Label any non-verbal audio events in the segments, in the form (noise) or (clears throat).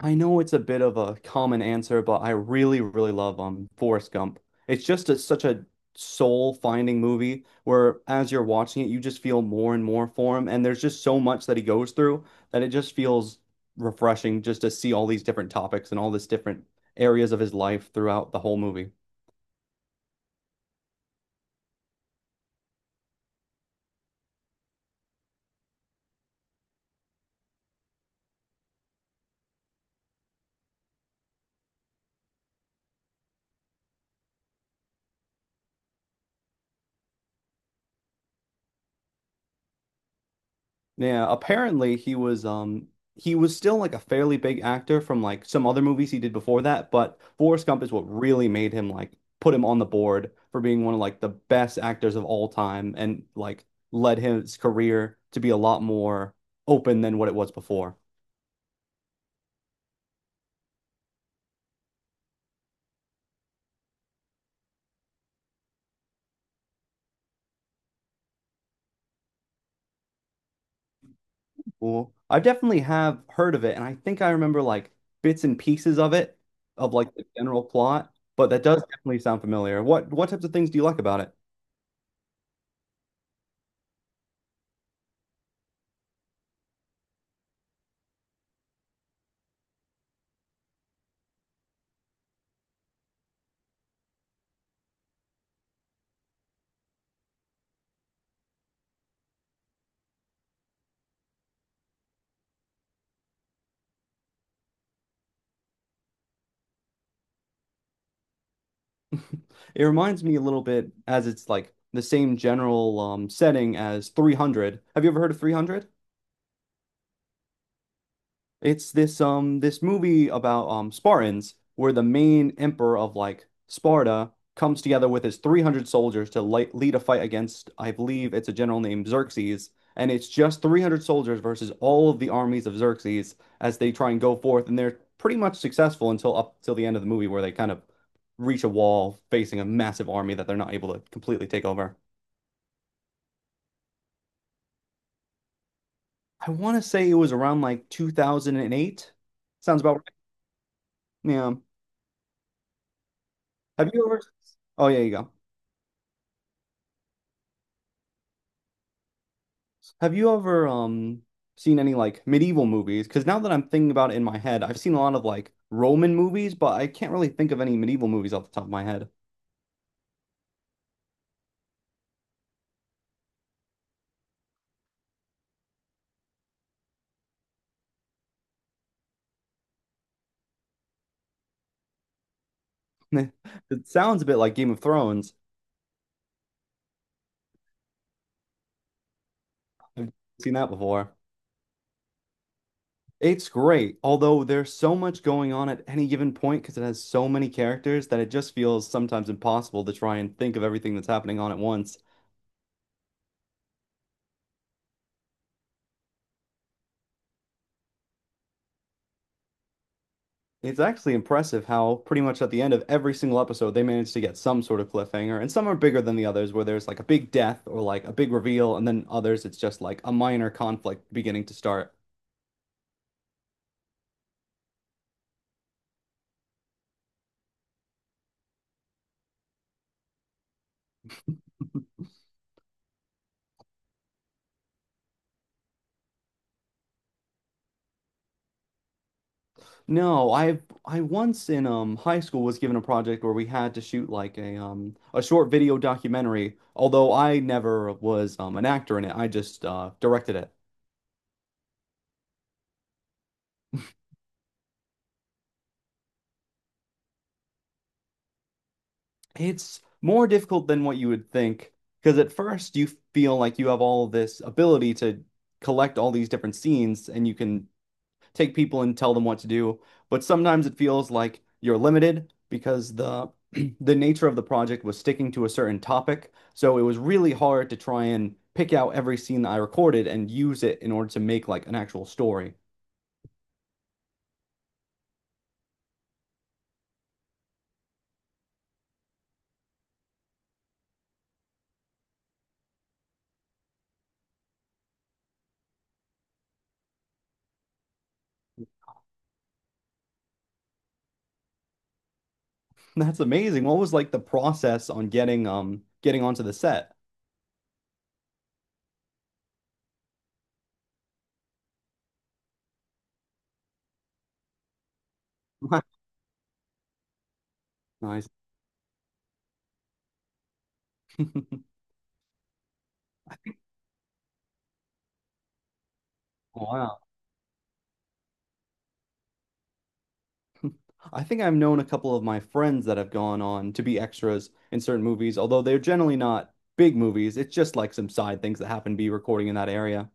I know it's a bit of a common answer, but I really love Forrest Gump. It's just such a soul-finding movie where, as you're watching it, you just feel more and more for him, and there's just so much that he goes through that it just feels refreshing just to see all these different topics and all these different areas of his life throughout the whole movie. Yeah, apparently he was still like a fairly big actor from like some other movies he did before that, but Forrest Gump is what really made him like put him on the board for being one of like the best actors of all time and like led his career to be a lot more open than what it was before. Well, I definitely have heard of it and I think I remember like bits and pieces of it, of like the general plot, but that does definitely sound familiar. What types of things do you like about it? (laughs) It reminds me a little bit, as it's like the same general setting as 300. Have you ever heard of 300? It's this movie about Spartans, where the main emperor of like Sparta comes together with his 300 soldiers to li lead a fight against, I believe, it's a general named Xerxes, and it's just 300 soldiers versus all of the armies of Xerxes as they try and go forth, and they're pretty much successful until up till the end of the movie, where they kind of reach a wall facing a massive army that they're not able to completely take over. I want to say it was around like 2008. Sounds about right. Yeah. Have you ever Oh, yeah, you go. Have you ever seen any like medieval movies? Because now that I'm thinking about it in my head, I've seen a lot of like Roman movies, but I can't really think of any medieval movies off the top of my head. (laughs) It sounds a bit like Game of Thrones. I've seen that before. It's great, although there's so much going on at any given point because it has so many characters that it just feels sometimes impossible to try and think of everything that's happening on at once. It's actually impressive how pretty much at the end of every single episode they manage to get some sort of cliffhanger, and some are bigger than the others, where there's like a big death or like a big reveal, and then others it's just like a minor conflict beginning to start. No, I once in high school was given a project where we had to shoot like a short video documentary. Although I never was an actor in it, I just directed it. It's more difficult than what you would think, because at first you feel like you have all this ability to collect all these different scenes and you can take people and tell them what to do, but sometimes it feels like you're limited because the (clears throat) the nature of the project was sticking to a certain topic, so it was really hard to try and pick out every scene that I recorded and use it in order to make like an actual story. (laughs) That's amazing. What was like the process on getting onto the set? (laughs) Nice. (laughs) Wow. (laughs) I think I've known a couple of my friends that have gone on to be extras in certain movies, although they're generally not big movies. It's just like some side things that happen to be recording in that area.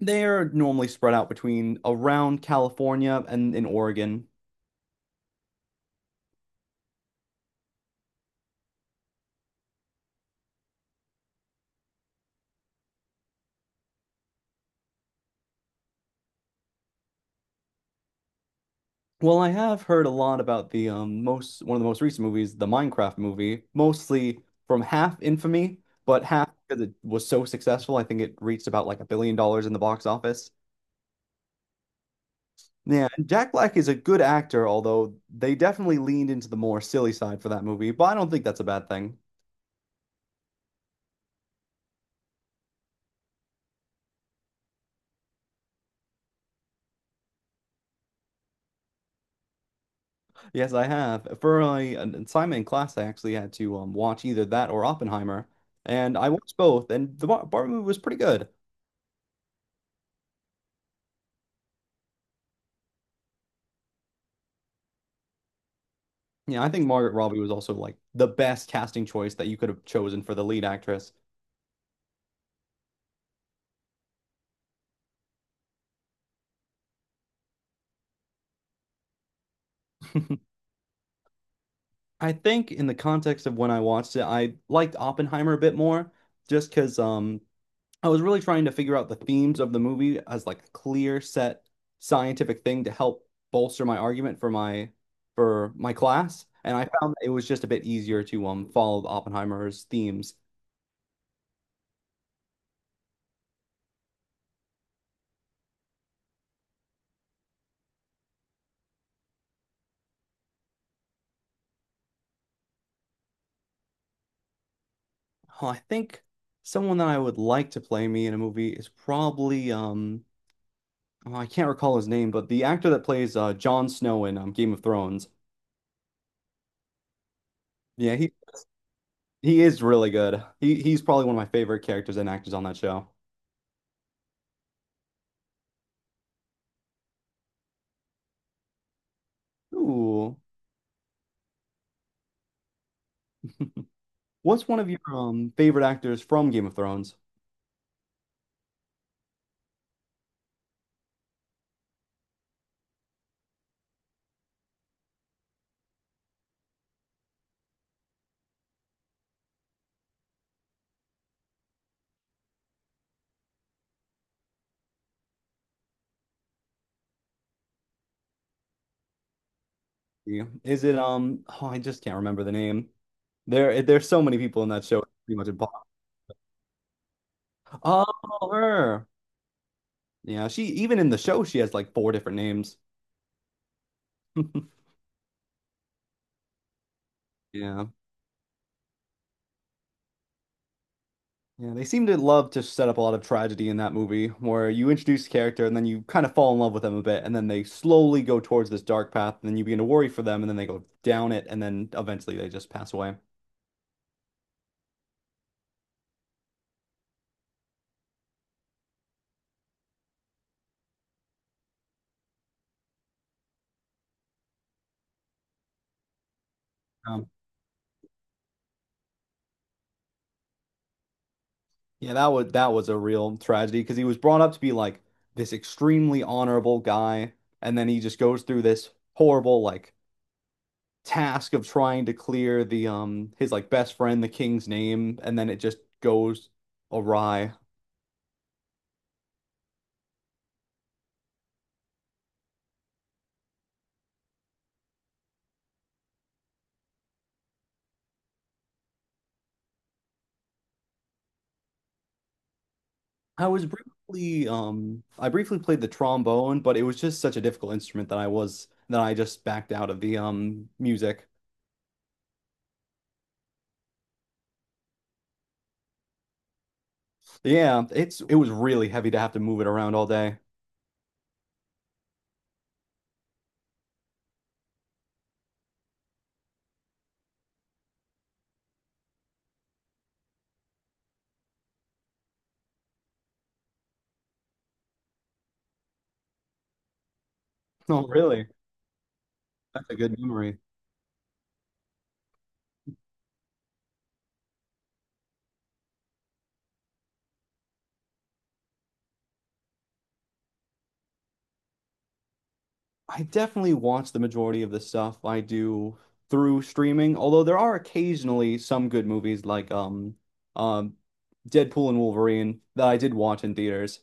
They're normally spread out between around California and in Oregon. Well, I have heard a lot about the most one of the most recent movies, the Minecraft movie, mostly from half infamy, but half because it was so successful. I think it reached about like $1 billion in the box office. Yeah, and Jack Black is a good actor, although they definitely leaned into the more silly side for that movie, but I don't think that's a bad thing. Yes, I have. For my assignment in class, I actually had to watch either that or Oppenheimer, and I watched both, and the Barbie movie was pretty good. Yeah, I think Margaret Robbie was also like the best casting choice that you could have chosen for the lead actress. (laughs) I think in the context of when I watched it, I liked Oppenheimer a bit more, just because I was really trying to figure out the themes of the movie as like a clear set scientific thing to help bolster my argument for my class. And I found that it was just a bit easier to follow Oppenheimer's themes. Oh, I think someone that I would like to play me in a movie is probably oh, I can't recall his name, but the actor that plays Jon Snow in Game of Thrones. Yeah, he is really good. He's probably one of my favorite characters and actors on that show. Ooh. (laughs) What's one of your favorite actors from Game of Thrones? Is it um oh, I just can't remember the name. There's so many people in that show. It's pretty much impossible. Oh, her. Yeah, she, even in the show, she has like 4 different names. (laughs) Yeah. Yeah, they seem to love to set up a lot of tragedy in that movie, where you introduce a character and then you kind of fall in love with them a bit, and then they slowly go towards this dark path, and then you begin to worry for them, and then they go down it, and then eventually they just pass away. Um, Yeah, that was a real tragedy because he was brought up to be like this extremely honorable guy, and then he just goes through this horrible like task of trying to clear the his like best friend, the king's name, and then it just goes awry. I was briefly I briefly played the trombone, but it was just such a difficult instrument that I was that I just backed out of the music. Yeah, it was really heavy to have to move it around all day. Oh, really? That's a good memory. I definitely watch the majority of the stuff I do through streaming, although there are occasionally some good movies like um Deadpool and Wolverine that I did watch in theaters.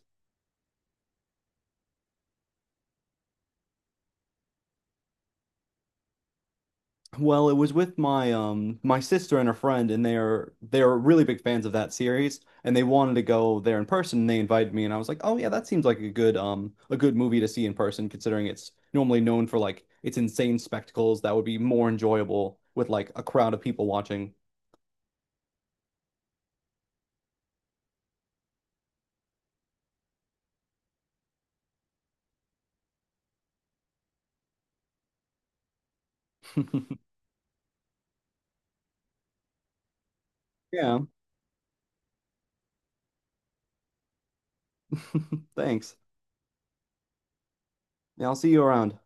Well, it was with my sister and a friend, and they're really big fans of that series, and they wanted to go there in person and they invited me, and I was like, "Oh yeah, that seems like a good movie to see in person, considering it's normally known for like its insane spectacles that would be more enjoyable with like a crowd of people watching." (laughs) Yeah. (laughs) Thanks. Yeah, I'll see you around.